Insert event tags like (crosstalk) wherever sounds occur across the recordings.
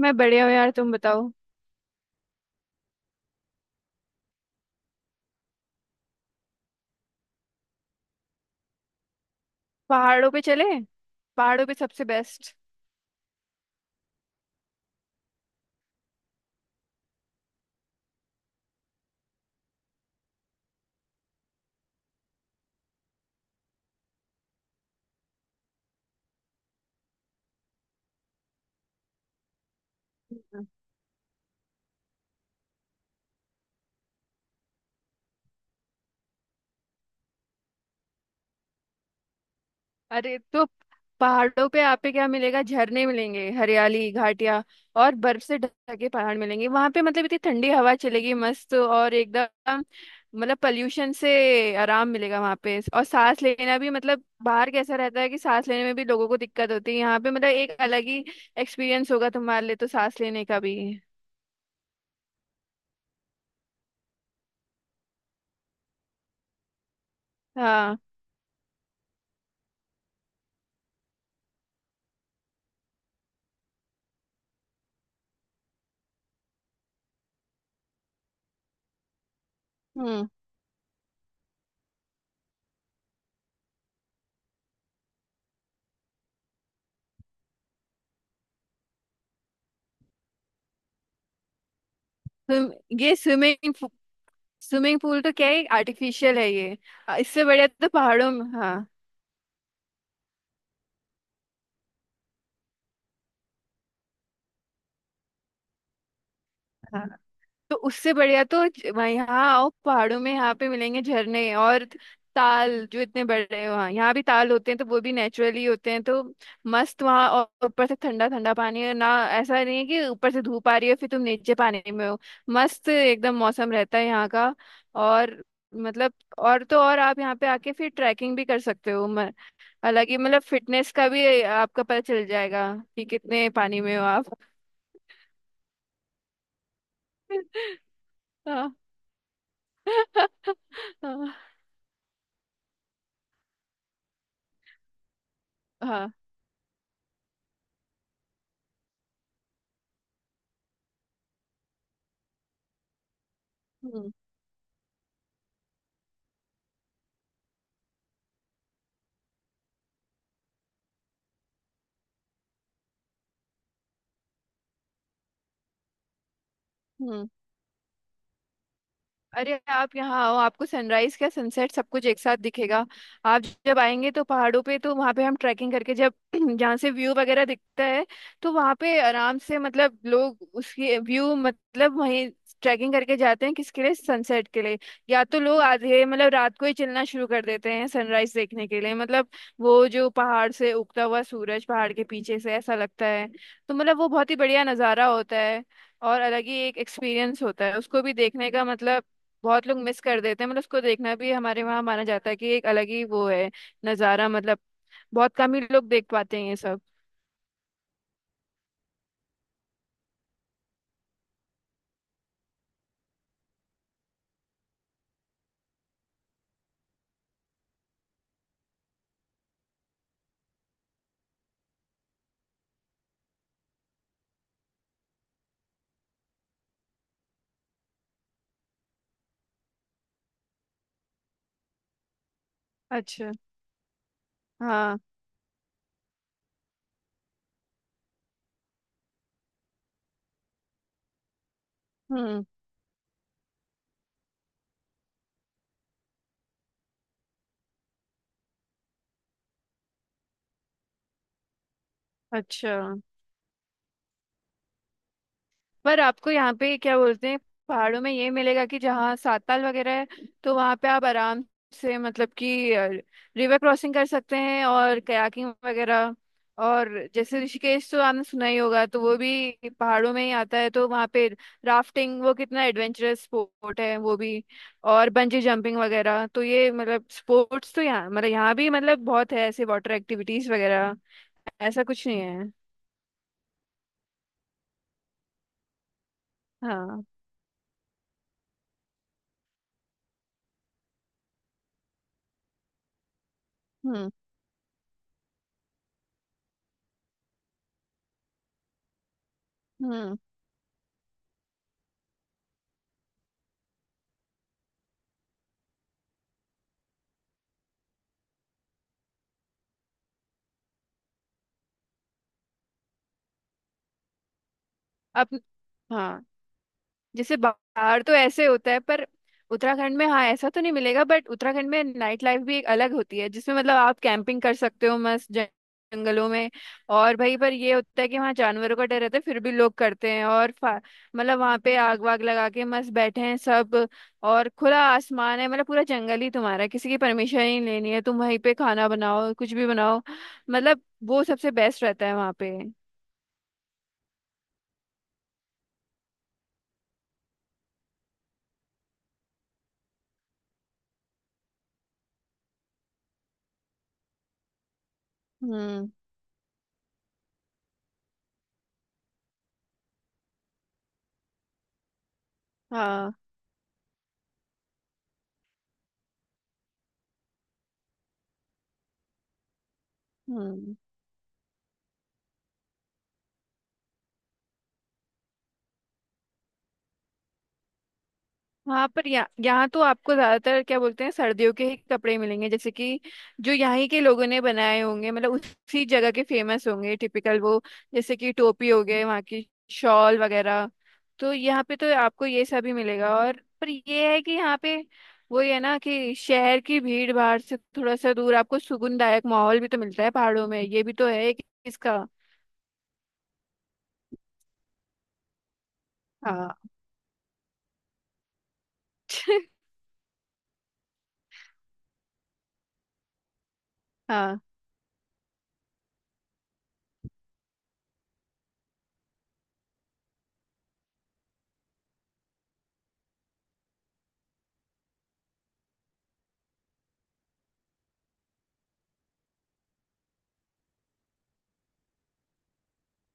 मैं बढ़िया हूँ यार। तुम बताओ। पहाड़ों पे चले। पहाड़ों पे सबसे बेस्ट। अरे तो पहाड़ों पे आप पे क्या मिलेगा? झरने मिलेंगे, हरियाली, घाटियां और बर्फ से ढके पहाड़ मिलेंगे वहां पे। मतलब इतनी ठंडी हवा चलेगी मस्त और एकदम मतलब पॉल्यूशन से आराम मिलेगा वहां पे। और सांस लेना भी मतलब, बाहर कैसा रहता है कि सांस लेने में भी लोगों को दिक्कत होती है। यहाँ पे मतलब एक अलग ही एक्सपीरियंस होगा तुम्हारे लिए तो, सांस लेने का भी। हाँ। हम्म तुम ये स्विमिंग स्विमिंग पूल तो क्या है, आर्टिफिशियल है ये। इससे बढ़िया तो पहाड़ों में। हाँ हाँ, तो उससे बढ़िया तो वहाँ यहाँ आओ पहाड़ों में। यहाँ पे मिलेंगे झरने और ताल जो इतने बड़े हैं। वहाँ यहाँ भी ताल होते हैं तो वो भी नेचुरली होते हैं, तो मस्त वहाँ। और ऊपर से ठंडा ठंडा पानी है ना। ऐसा नहीं है कि ऊपर से धूप आ रही है फिर तुम नीचे पानी में हो। मस्त एकदम मौसम रहता है यहाँ का। और मतलब और तो और, आप यहाँ पे आके फिर ट्रैकिंग भी कर सकते हो। हालांकि मतलब फिटनेस का भी आपका पता चल जाएगा, कि कितने पानी में हो आप। (laughs) हाँ। (laughs) हाँ हाँ। हाँ, हम्म हम्म अरे आप यहाँ आओ, आपको सनराइज क्या सनसेट सब कुछ एक साथ दिखेगा। आप जब आएंगे तो पहाड़ों पे, तो वहाँ पे हम ट्रैकिंग करके जब (clears throat) जहाँ से व्यू वगैरह दिखता है तो वहाँ पे आराम से मतलब लोग उसकी व्यू मतलब वहीं ट्रैकिंग करके जाते हैं, किसके लिए? सनसेट के लिए। या तो लोग आधे मतलब रात को ही चलना शुरू कर देते हैं सनराइज देखने के लिए। मतलब वो जो पहाड़ से उगता हुआ सूरज पहाड़ के पीछे से, ऐसा लगता है तो मतलब वो बहुत ही बढ़िया नज़ारा होता है। और अलग ही एक एक्सपीरियंस होता है उसको भी देखने का। मतलब बहुत लोग मिस कर देते हैं, मतलब उसको देखना भी हमारे वहाँ माना जाता है कि एक अलग ही वो है नज़ारा। मतलब बहुत कम ही लोग देख पाते हैं ये सब। अच्छा। हाँ हम्म अच्छा, पर आपको यहाँ पे क्या बोलते हैं पहाड़ों में ये मिलेगा कि जहाँ साताल वगैरह है तो वहाँ पे आप आराम से मतलब कि रिवर क्रॉसिंग कर सकते हैं और कयाकिंग वगैरह। और जैसे ऋषिकेश तो आपने सुना ही होगा, तो वो भी पहाड़ों में ही आता है। तो वहाँ पे राफ्टिंग, वो कितना एडवेंचरस स्पोर्ट है वो भी। और बंजी जंपिंग वगैरह, तो ये मतलब स्पोर्ट्स तो यहाँ मतलब यहाँ भी मतलब बहुत है। ऐसे वाटर एक्टिविटीज वगैरह ऐसा कुछ नहीं है। हाँ। हम्म हम्म अब हाँ जैसे बाहर तो ऐसे होता है पर उत्तराखंड में हाँ ऐसा तो नहीं मिलेगा, बट उत्तराखंड में नाइट लाइफ भी एक अलग होती है जिसमें मतलब आप कैंपिंग कर सकते हो मस्त जंगलों में। और भाई पर ये होता है कि वहाँ जानवरों का डर रहता है, फिर भी लोग करते हैं। और मतलब वहाँ पे आग वाग लगा के मस्त बैठे हैं सब। और खुला आसमान है, मतलब पूरा जंगल ही तुम्हारा है, किसी की परमिशन नहीं लेनी है, तुम वहीं पे खाना बनाओ कुछ भी बनाओ। मतलब वो सबसे बेस्ट रहता है वहाँ पे। हम्म। हाँ हम्म हाँ, पर यहाँ यहाँ तो आपको ज्यादातर क्या बोलते हैं सर्दियों के ही कपड़े मिलेंगे, जैसे कि जो यहाँ के लोगों ने बनाए होंगे मतलब उसी जगह के फेमस होंगे टिपिकल वो, जैसे कि टोपी हो गए वहाँ की, शॉल वगैरह। तो यहाँ पे तो आपको ये सब ही मिलेगा। और पर ये है कि यहाँ पे वो है ना कि शहर की भीड़ भाड़ से थोड़ा सा दूर, आपको सुकूनदायक माहौल भी तो मिलता है पहाड़ों में, ये भी तो है कि इसका। हाँ हाँ।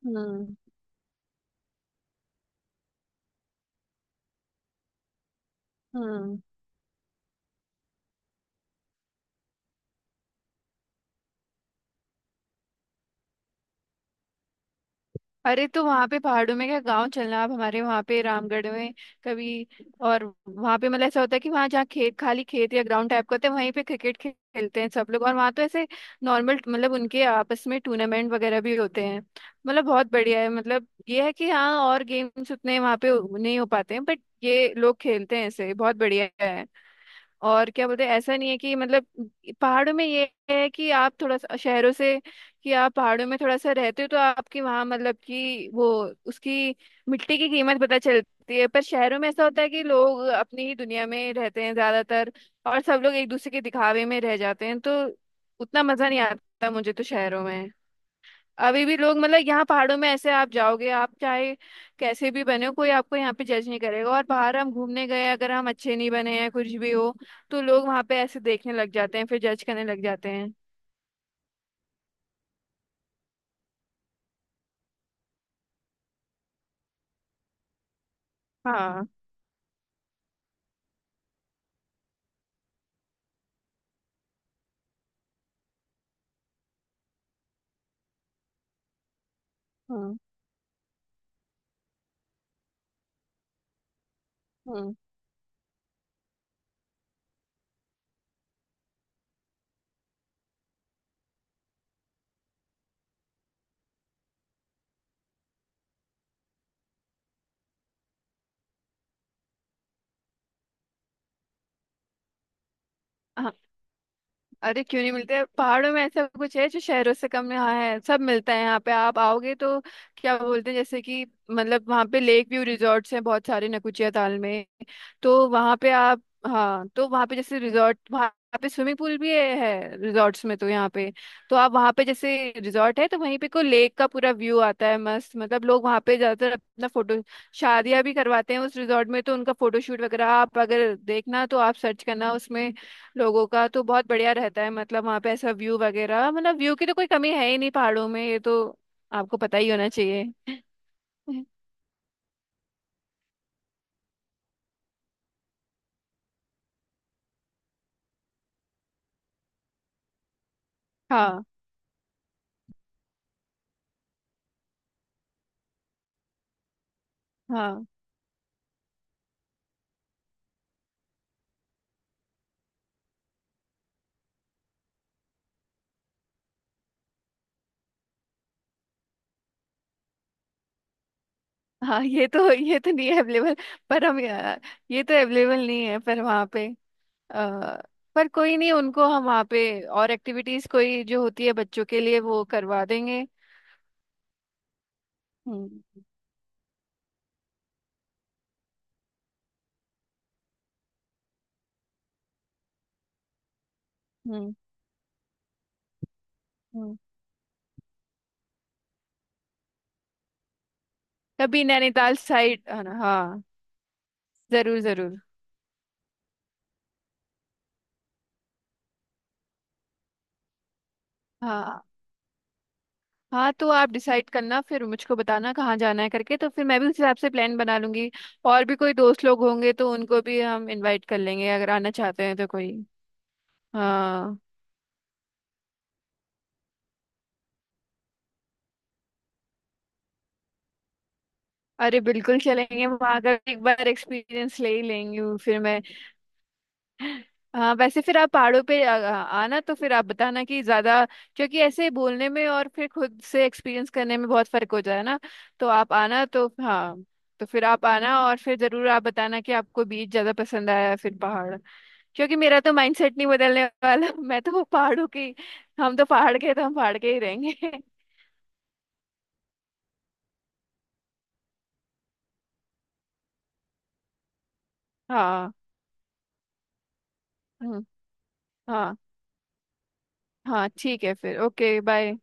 हम्म हम्म अरे तो वहां पे पहाड़ों में क्या, गांव चलना आप हमारे वहां पे रामगढ़ में कभी। और वहां पे मतलब ऐसा होता है कि वहां जहाँ खेत, खाली खेत या ग्राउंड टाइप का होता है, वहीं पे क्रिकेट खेलते हैं सब लोग। और वहां तो ऐसे नॉर्मल मतलब उनके आपस में टूर्नामेंट वगैरह भी होते हैं। मतलब बहुत बढ़िया है। मतलब ये है कि हाँ और गेम्स उतने वहां पे नहीं हो पाते हैं बट ये लोग खेलते हैं ऐसे, बहुत बढ़िया है। और क्या बोलते हैं ऐसा नहीं है कि मतलब पहाड़ों में ये है कि आप थोड़ा सा शहरों से, कि आप पहाड़ों में थोड़ा सा रहते हो तो आपकी वहाँ मतलब कि वो उसकी मिट्टी की कीमत पता चलती है। पर शहरों में ऐसा होता है कि लोग अपनी ही दुनिया में रहते हैं ज्यादातर, और सब लोग एक दूसरे के दिखावे में रह जाते हैं तो उतना मजा नहीं आता मुझे तो शहरों में। अभी भी लोग मतलब यहाँ पहाड़ों में ऐसे आप जाओगे, आप चाहे कैसे भी बने हो कोई आपको यहाँ पे जज नहीं करेगा। और बाहर हम घूमने गए अगर हम अच्छे नहीं बने हैं कुछ भी हो तो लोग वहाँ पे ऐसे देखने लग जाते हैं, फिर जज करने लग जाते हैं। हाँ। हम्म हम्म अरे क्यों नहीं मिलते पहाड़ों में, ऐसा कुछ है जो शहरों से कम यहाँ है? सब मिलता है यहाँ पे आप आओगे तो। क्या बोलते हैं, जैसे कि मतलब वहाँ पे लेक व्यू रिजॉर्ट्स हैं बहुत सारे, नकुचिया ताल में। तो वहाँ पे आप हाँ, तो वहाँ पे जैसे रिजॉर्ट वहाँ पे स्विमिंग पूल भी है रिजॉर्ट्स में तो यहाँ पे। तो आप वहाँ पे जैसे रिजॉर्ट है तो वहीं पे को लेक का पूरा व्यू आता है मस्त। मतलब लोग वहाँ पे ज्यादातर अपना फोटो, शादियां भी करवाते हैं उस रिजॉर्ट में तो उनका फोटोशूट वगैरह आप अगर देखना तो आप सर्च करना उसमें लोगों का, तो बहुत बढ़िया रहता है। मतलब वहाँ पे ऐसा व्यू वगैरह मतलब व्यू की तो कोई कमी है ही नहीं पहाड़ों में, ये तो आपको पता ही होना चाहिए। (laughs) हाँ हाँ। हाँ ये तो, ये तो नहीं है अवेलेबल। पर हम ये तो अवेलेबल नहीं है पर वहाँ पे अ, पर कोई नहीं, उनको हम वहाँ पे और एक्टिविटीज कोई जो होती है बच्चों के लिए वो करवा देंगे। हम्म हम्म हम्म। हम्म। कभी नैनीताल साइड। हाँ हाँ, जरूर जरूर। हाँ हाँ तो आप डिसाइड करना फिर मुझको बताना कहाँ जाना है करके, तो फिर मैं भी उस हिसाब से प्लान बना लूंगी। और भी कोई दोस्त लोग होंगे तो उनको भी हम इनवाइट कर लेंगे अगर आना चाहते हैं तो कोई। हाँ अरे बिल्कुल चलेंगे, वहां का एक बार एक्सपीरियंस ले ही लेंगी वो फिर मैं। (laughs) हाँ, वैसे फिर आप पहाड़ों पे आ, आ- आना तो फिर आप बताना कि ज्यादा, क्योंकि ऐसे बोलने में और फिर खुद से एक्सपीरियंस करने में बहुत फर्क हो जाए ना। तो आप आना तो हाँ, तो फिर आप आना और फिर जरूर आप बताना कि आपको बीच ज्यादा पसंद आया या फिर पहाड़। क्योंकि मेरा तो माइंडसेट नहीं बदलने वाला। (laughs) मैं तो पहाड़ों की, हम तो पहाड़ के हैं, तो हम पहाड़ के ही रहेंगे। (laughs) हाँ। हम्म, हाँ हाँ ठीक है फिर, ओके बाय।